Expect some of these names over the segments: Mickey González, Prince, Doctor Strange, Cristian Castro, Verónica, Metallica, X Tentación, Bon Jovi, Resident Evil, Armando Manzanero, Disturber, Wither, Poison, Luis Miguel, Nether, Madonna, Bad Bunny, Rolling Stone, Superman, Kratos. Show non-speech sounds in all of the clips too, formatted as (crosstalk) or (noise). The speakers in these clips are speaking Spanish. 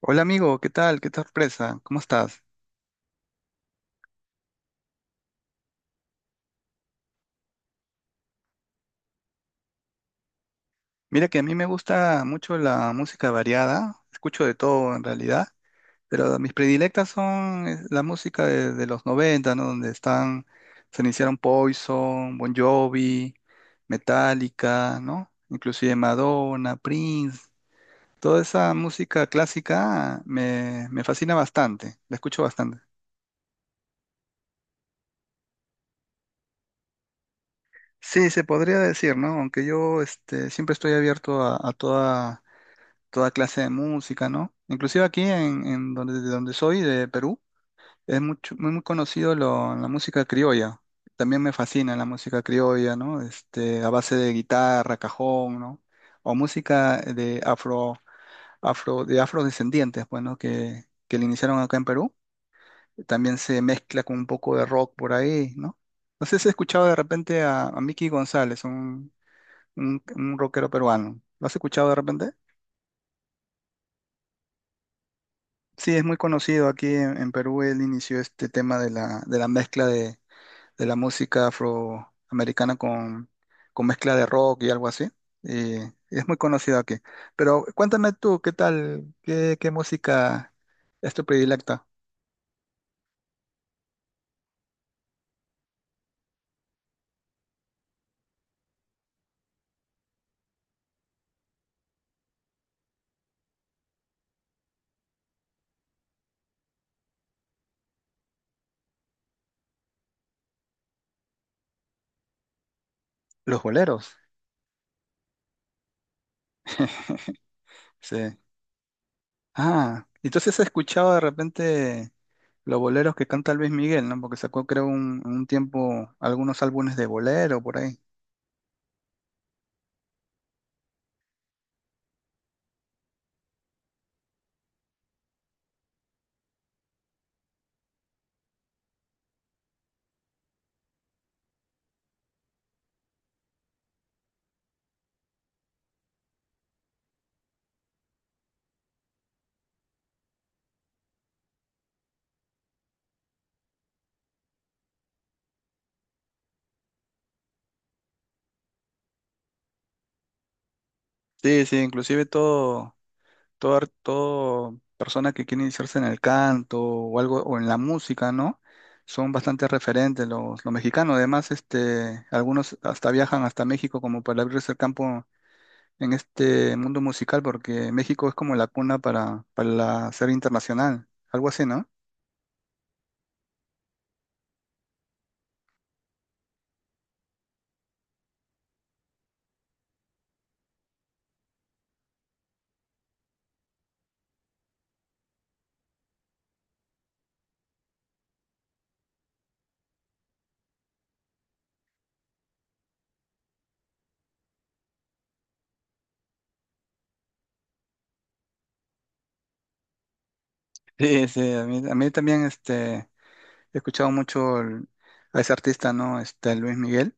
Hola amigo, ¿qué tal? Qué sorpresa, ¿cómo estás? Mira que a mí me gusta mucho la música variada, escucho de todo en realidad, pero mis predilectas son la música de los 90, ¿no? Donde están, se iniciaron Poison, Bon Jovi, Metallica, ¿no? Inclusive Madonna, Prince, toda esa música clásica me fascina bastante, la escucho bastante. Sí, se podría decir, ¿no? Aunque yo siempre estoy abierto a toda clase de música, ¿no? Inclusive aquí en de donde soy, de Perú, es muy conocido la música criolla. También me fascina la música criolla, ¿no? A base de guitarra, cajón, ¿no? O música de afrodescendientes, pues, ¿no? Que le iniciaron acá en Perú. También se mezcla con un poco de rock por ahí, ¿no? No sé si has escuchado de repente a Mickey González, un rockero peruano. ¿Lo has escuchado de repente? Sí, es muy conocido aquí en Perú. Él inició este tema de la mezcla de la música afroamericana con mezcla de rock y algo así. Y es muy conocido aquí. Pero cuéntame tú, ¿qué tal? Qué música es tu predilecta? Los boleros. Sí. Ah, entonces he escuchado de repente los boleros que canta Luis Miguel, ¿no? Porque sacó, creo, un tiempo algunos álbumes de bolero por ahí. Sí, sí, inclusive todo. Toda persona que quiere iniciarse en el canto o algo, o en la música, ¿no? Son bastante referentes los mexicanos. Además, algunos hasta viajan hasta México como para abrirse el campo en este mundo musical, porque México es como la cuna para la ser internacional, algo así, ¿no? Sí, sí, a mí también he escuchado mucho a ese artista, ¿no? Luis Miguel.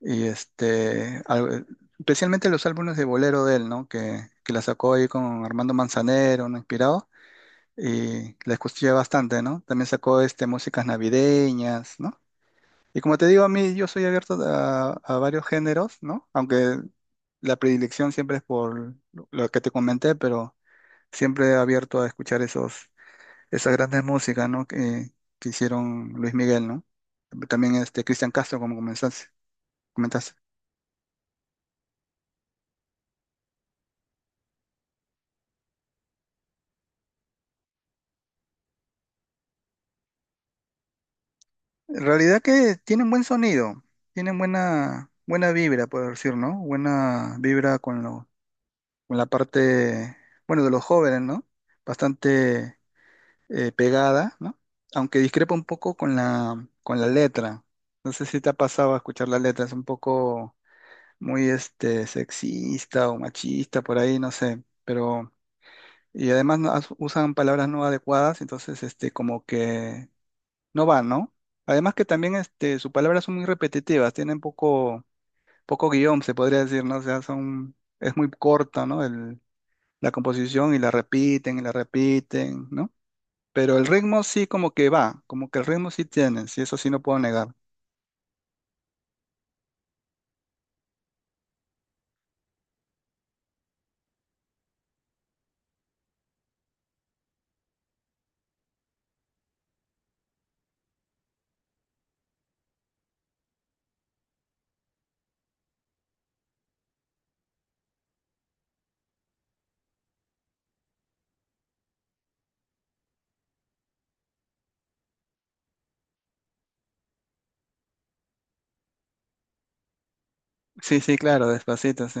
Y especialmente los álbumes de bolero de él, ¿no? Que la sacó ahí con Armando Manzanero, ¿no? Inspirado. Y la escuché bastante, ¿no? También sacó músicas navideñas, ¿no? Y como te digo, a mí yo soy abierto a varios géneros, ¿no? Aunque la predilección siempre es por lo que te comenté, pero siempre abierto a escuchar esas grandes músicas, ¿no? Que hicieron Luis Miguel, ¿no? También Cristian Castro, como comentaste. En realidad que tienen buen sonido, tienen buena vibra, puedo decir, ¿no? Buena vibra con la parte, bueno, de los jóvenes, ¿no? Bastante pegada, ¿no? Aunque discrepa un poco con la letra. No sé si te ha pasado a escuchar la letra, es un poco muy sexista o machista, por ahí, no sé, pero... Y además usan palabras no adecuadas, entonces como que no va, ¿no? Además que también sus palabras son muy repetitivas, tienen poco guión, se podría decir, ¿no? O sea, es muy corta, ¿no? La composición y la repiten, ¿no? Pero el ritmo sí como que va, como que el ritmo sí tiene, sí, eso sí no puedo negar. Sí, sí, claro, despacito, sí.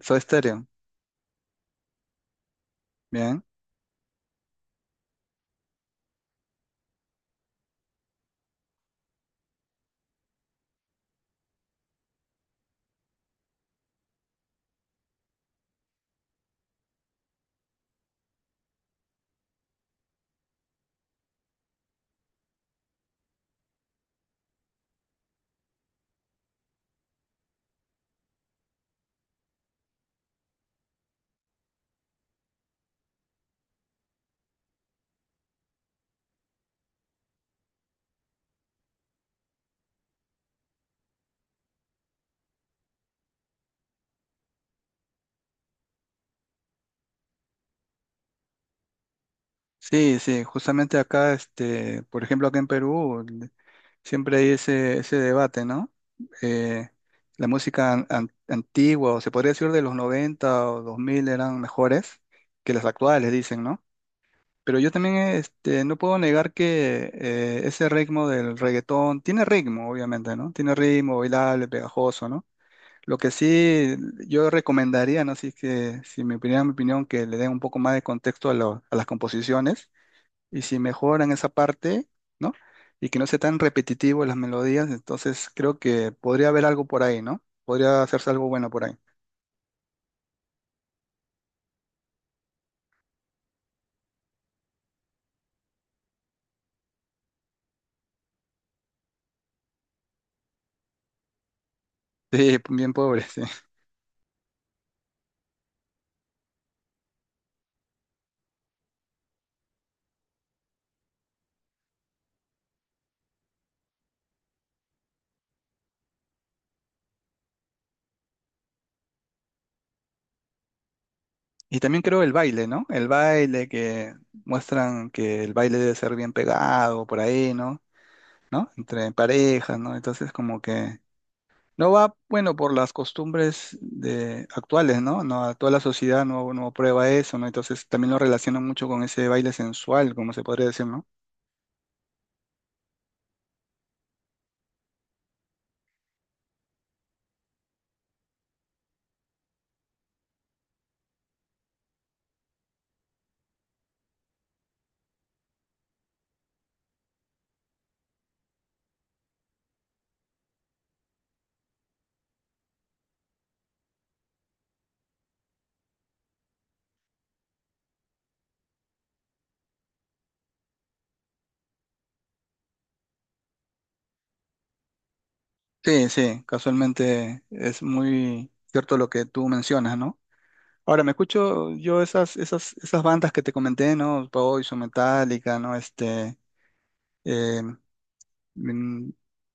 Soy estéreo, bien. Sí, sí, justamente acá, por ejemplo, acá en Perú. Siempre hay ese debate, ¿no? Eh, la música antigua, o se podría decir de los 90 o 2000 eran mejores que las actuales, dicen, ¿no? Pero yo también no puedo negar que ese ritmo del reggaetón tiene ritmo, obviamente, ¿no? Tiene ritmo, bailable, pegajoso, ¿no? Lo que sí yo recomendaría, ¿no? Si es que, si me opinión, mi opinión, que le den un poco más de contexto a las composiciones y si mejoran esa parte, ¿no? Y que no sea tan repetitivo las melodías, entonces creo que podría haber algo por ahí, ¿no? Podría hacerse algo bueno por ahí. (laughs) Sí, bien pobre, sí. Y también creo el baile, ¿no? El baile que muestran que el baile debe ser bien pegado por ahí, ¿no? ¿No? Entre parejas, ¿no? Entonces como que no va, bueno, por las costumbres de actuales, ¿no? No, toda la sociedad no, no prueba eso, ¿no? Entonces también lo relacionan mucho con ese baile sensual, como se podría decir, ¿no? Sí, sí, casualmente es muy cierto lo que tú mencionas, ¿no? Ahora, me escucho yo esas bandas que te comenté, ¿no? Poison, Metallica, ¿no? Eh, mm,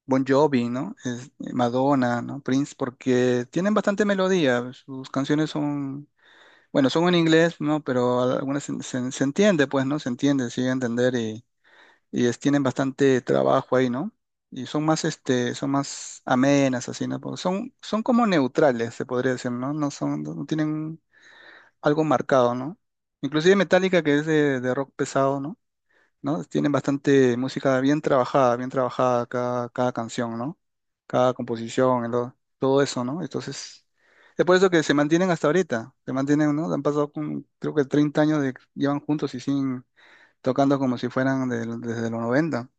Bon Jovi, ¿no? Madonna, ¿no? Prince, porque tienen bastante melodía, sus canciones bueno, son en inglés, ¿no? Pero algunas se entiende, pues, ¿no? Se entiende, sigue a entender y tienen bastante trabajo ahí, ¿no? Y son más amenas, así, ¿no? Porque son como neutrales, se podría decir, ¿no? No tienen algo marcado, ¿no? Inclusive Metallica, que es de rock pesado, ¿no? ¿No? Tienen bastante música bien trabajada cada canción, ¿no? Cada composición, todo eso, ¿no? Entonces, es por eso que se mantienen hasta ahorita, se mantienen, ¿no? Han pasado, creo que 30 años de, llevan juntos y sin tocando como si fueran desde los 90.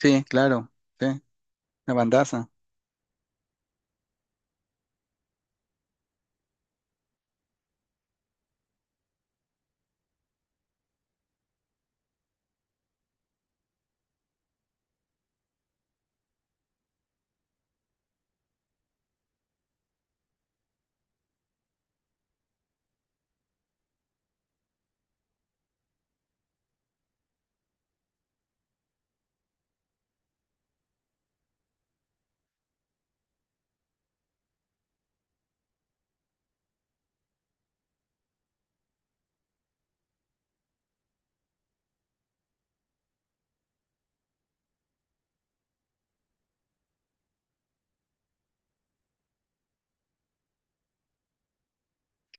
Sí, claro, sí, una bandaza.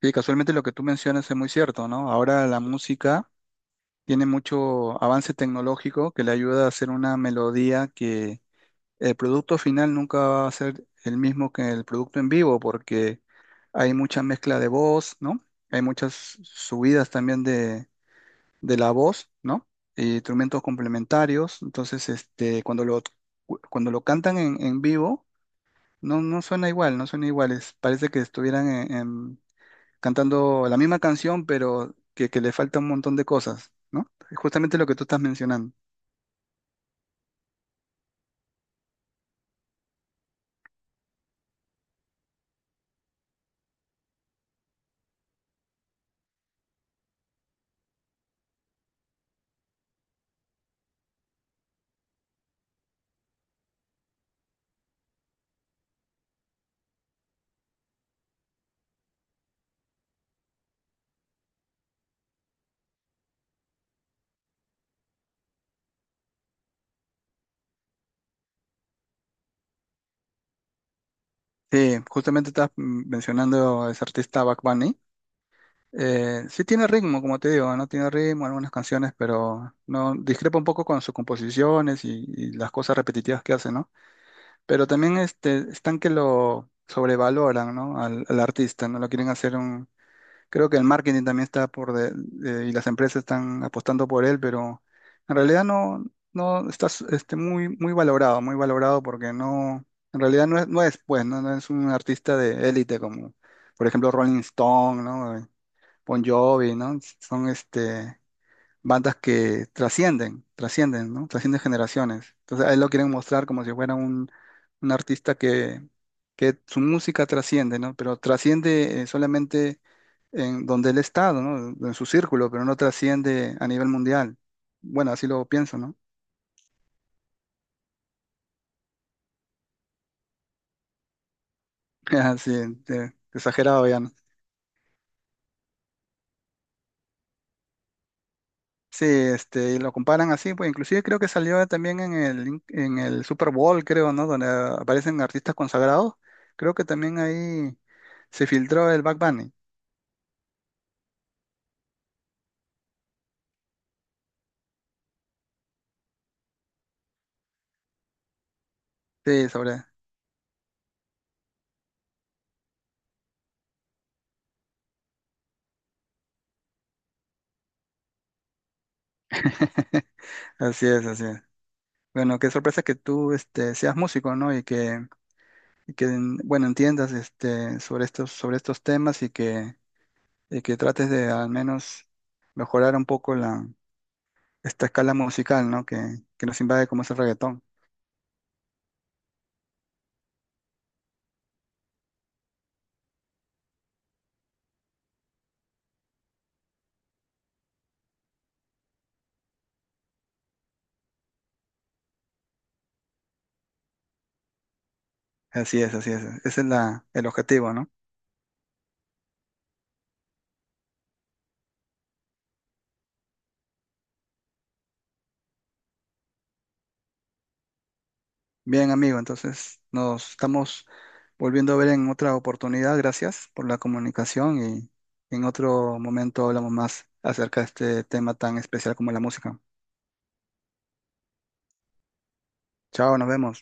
Sí, casualmente lo que tú mencionas es muy cierto, ¿no? Ahora la música tiene mucho avance tecnológico que le ayuda a hacer una melodía que el producto final nunca va a ser el mismo que el producto en vivo, porque hay mucha mezcla de voz, ¿no? Hay muchas subidas también de la voz, ¿no? Y instrumentos complementarios. Entonces, cuando cuando lo cantan en vivo, no, no suena igual, no suena igual. Es- parece que estuvieran cantando la misma canción, pero que le falta un montón de cosas, ¿no? Justamente lo que tú estás mencionando. Sí, justamente estás mencionando a ese artista Bugs Bunny. Sí tiene ritmo, como te digo, no tiene ritmo algunas canciones, pero no discrepa un poco con sus composiciones y las cosas repetitivas que hace, ¿no? Pero también están que lo sobrevaloran, ¿no? Al artista, ¿no? Lo quieren hacer un... Creo que el marketing también está por y las empresas están apostando por él, pero en realidad no, no está muy valorado porque no, en realidad no es, no es pues, no, no es un artista de élite como, por ejemplo, Rolling Stone, ¿no? Bon Jovi, ¿no? Son bandas que trascienden, trascienden, ¿no? Trascienden generaciones. Entonces a él lo quieren mostrar como si fuera un artista que su música trasciende, ¿no? Pero trasciende solamente en donde él ha estado, ¿no? En su círculo, pero no trasciende a nivel mundial. Bueno, así lo pienso, ¿no? (laughs) Sí, exagerado ya, ¿no? Sí, y lo comparan así, pues inclusive creo que salió también en en el Super Bowl, creo, ¿no? Donde aparecen artistas consagrados. Creo que también ahí se filtró el Back Bunny. Sí, sobre. (laughs) Así es, así es. Bueno, qué sorpresa que tú seas músico, ¿no? Y que, bueno, entiendas sobre sobre estos temas y que trates de al menos mejorar un poco esta escala musical, ¿no? Que nos invade como es el reggaetón. Así es, así es. Ese es el objetivo, ¿no? Bien, amigo, entonces nos estamos volviendo a ver en otra oportunidad. Gracias por la comunicación y en otro momento hablamos más acerca de este tema tan especial como la música. Chao, nos vemos.